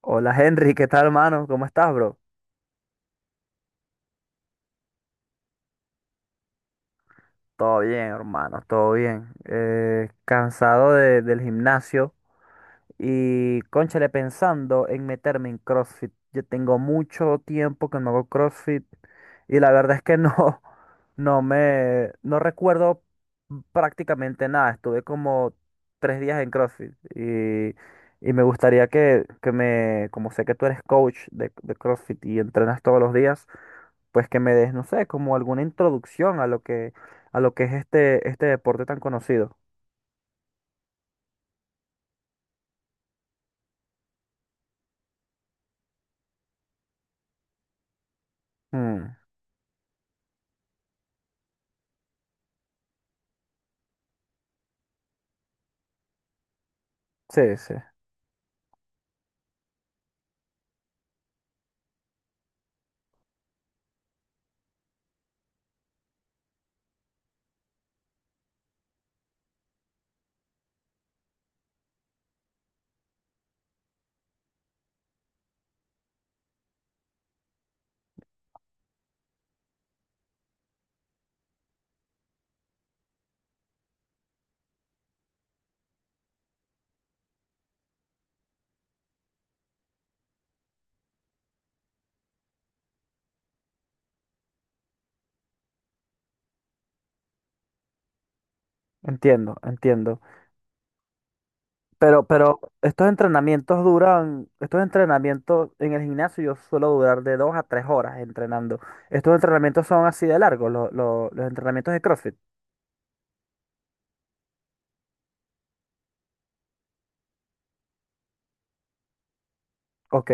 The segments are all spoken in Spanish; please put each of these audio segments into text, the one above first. Hola Henry, ¿qué tal hermano? ¿Cómo estás, bro? Todo bien, hermano, todo bien. Cansado del gimnasio y cónchale pensando en meterme en CrossFit. Yo tengo mucho tiempo que no hago CrossFit y la verdad es que no, no recuerdo prácticamente nada. Estuve como tres días en CrossFit y me gustaría que me, como sé que tú eres coach de CrossFit y entrenas todos los días. Pues que me des, no sé, como alguna introducción a lo a lo que es este deporte tan conocido. Mm, sí, sí, entiendo, entiendo. Pero estos entrenamientos duran, estos entrenamientos en el gimnasio yo suelo durar de dos a tres horas entrenando. ¿Estos entrenamientos son así de largos, los entrenamientos de CrossFit? Ok,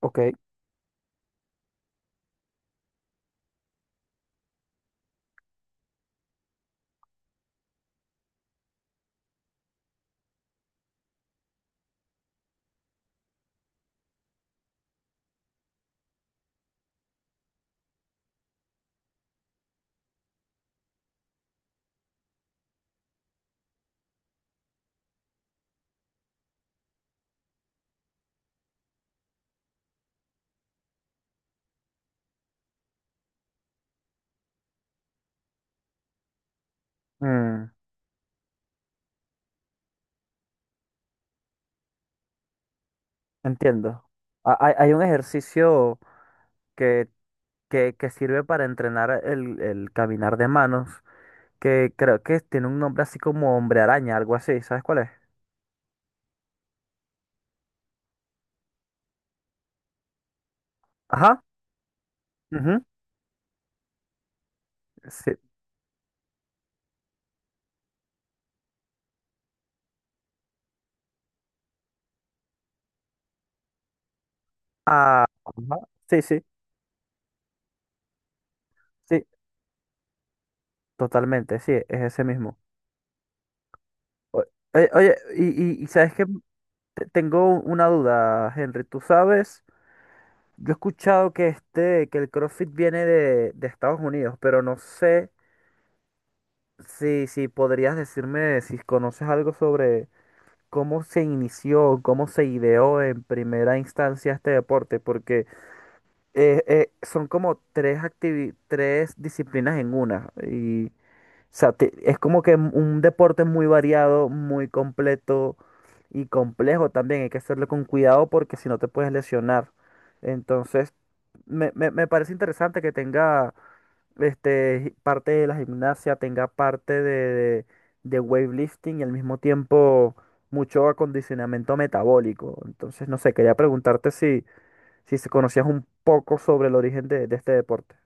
ok, mm, entiendo. Hay, hay un ejercicio que, que sirve para entrenar el caminar de manos que creo que tiene un nombre así como Hombre Araña, algo así, ¿sabes cuál es? Ajá, ujú, sí. Ah, ajá, sí, sí, sí, totalmente, sí, es ese mismo. O- Oye, oye, y sabes que tengo una duda, Henry, tú sabes, yo he escuchado que este, que el CrossFit viene de Estados Unidos, pero no sé si podrías decirme si conoces algo sobre cómo se inició, cómo se ideó en primera instancia este deporte, porque son como tres tres disciplinas en una. Y, o sea, es como que un deporte muy variado, muy completo y complejo también. Hay que hacerlo con cuidado porque si no te puedes lesionar. Entonces, me parece interesante que tenga este, parte de la gimnasia, tenga parte de, de weightlifting y al mismo tiempo mucho acondicionamiento metabólico. Entonces, no sé, quería preguntarte si se conocías un poco sobre el origen de este deporte.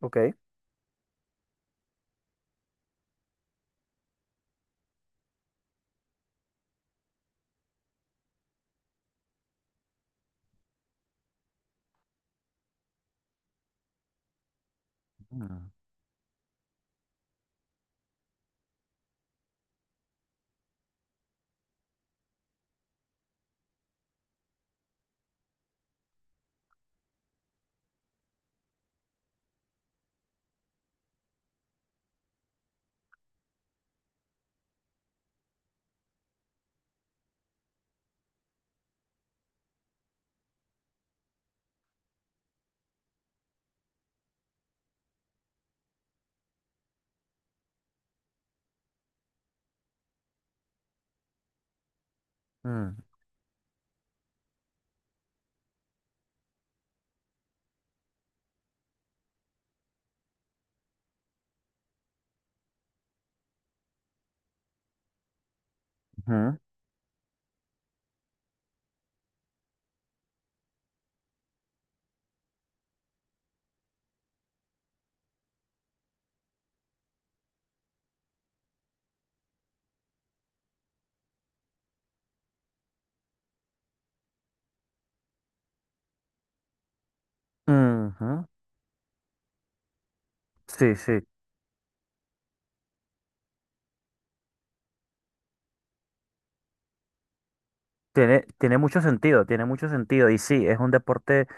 Ok. Mm, mm, ujú, ujú. Sí, sí, tiene, tiene mucho sentido, tiene mucho sentido. Y sí, es un deporte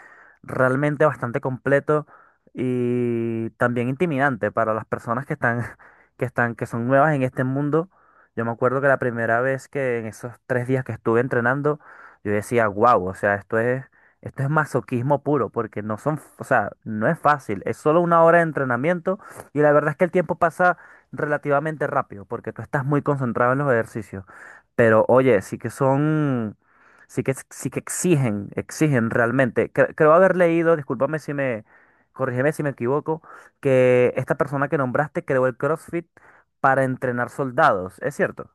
realmente bastante completo y también intimidante para las personas que están, que están, que son nuevas en este mundo. Yo me acuerdo que la primera vez que en esos tres días que estuve entrenando, yo decía, wow, o sea, esto es masoquismo puro, porque no son, o sea, no es fácil, es solo una hora de entrenamiento y la verdad es que el tiempo pasa relativamente rápido, porque tú estás muy concentrado en los ejercicios. Pero oye, sí que son, sí que exigen, exigen realmente. Creo haber leído, discúlpame si me, corrígeme si me equivoco, que esta persona que nombraste creó el CrossFit para entrenar soldados, ¿es cierto?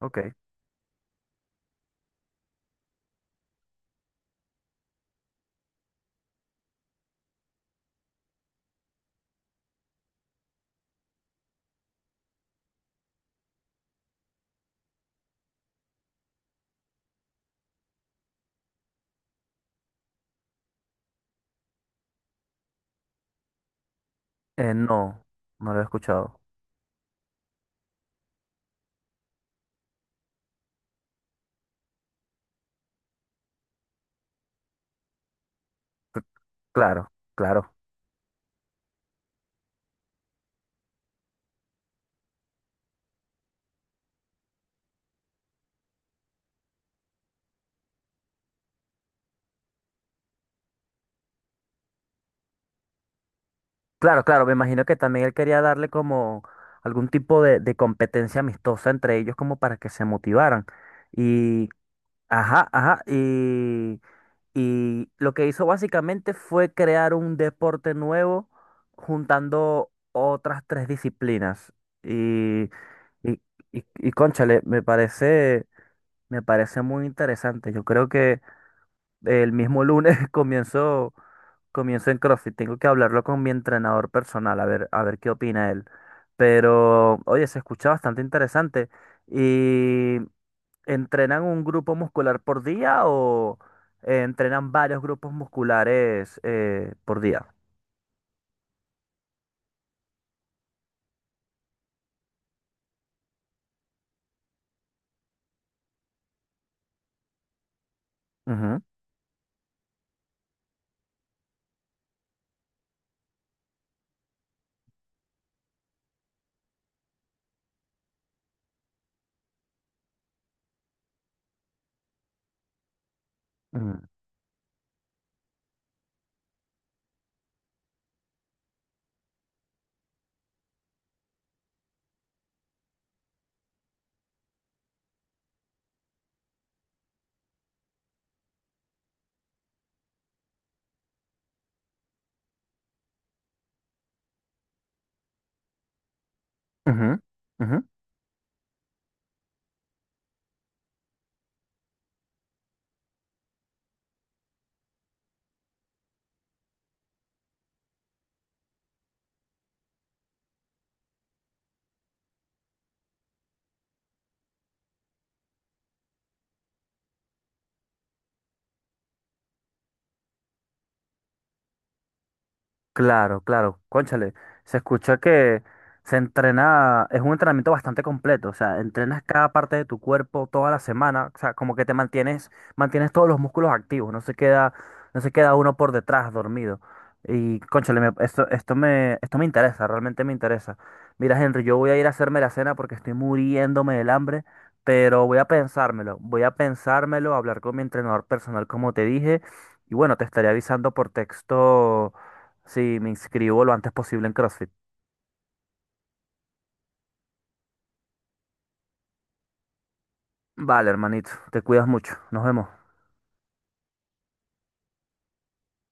Ok. No, no lo he escuchado. Claro, claro. Claro, claro, me imagino que también él quería darle como algún tipo de competencia amistosa entre ellos como para que se motivaran. Y, ajá, ajá, y... Y lo que hizo básicamente fue crear un deporte nuevo juntando otras tres disciplinas. Y, y, y, cónchale, me parece muy interesante. Yo creo que el mismo lunes comienzo, comienzo en CrossFit. Tengo que hablarlo con mi entrenador personal, a ver qué opina él. Pero, oye, se escucha bastante interesante. ¿Y entrenan un grupo muscular por día o entrenan varios grupos musculares por día? Ujú, ujú, ujú, ujú. Claro, claro, cónchale, se escucha que se entrena, es un entrenamiento bastante completo, o sea, entrenas cada parte de tu cuerpo toda la semana, o sea, como que te mantienes, mantienes todos los músculos activos, no se queda, no se queda uno por detrás dormido. Y cónchale, esto, esto me interesa, realmente me interesa. Mira, Henry, yo voy a ir a hacerme la cena porque estoy muriéndome del hambre, pero voy a pensármelo, hablar con mi entrenador personal, como te dije, y bueno, te estaré avisando por texto. Sí, me inscribo lo antes posible en CrossFit. Vale, hermanito, te cuidas mucho. Nos vemos.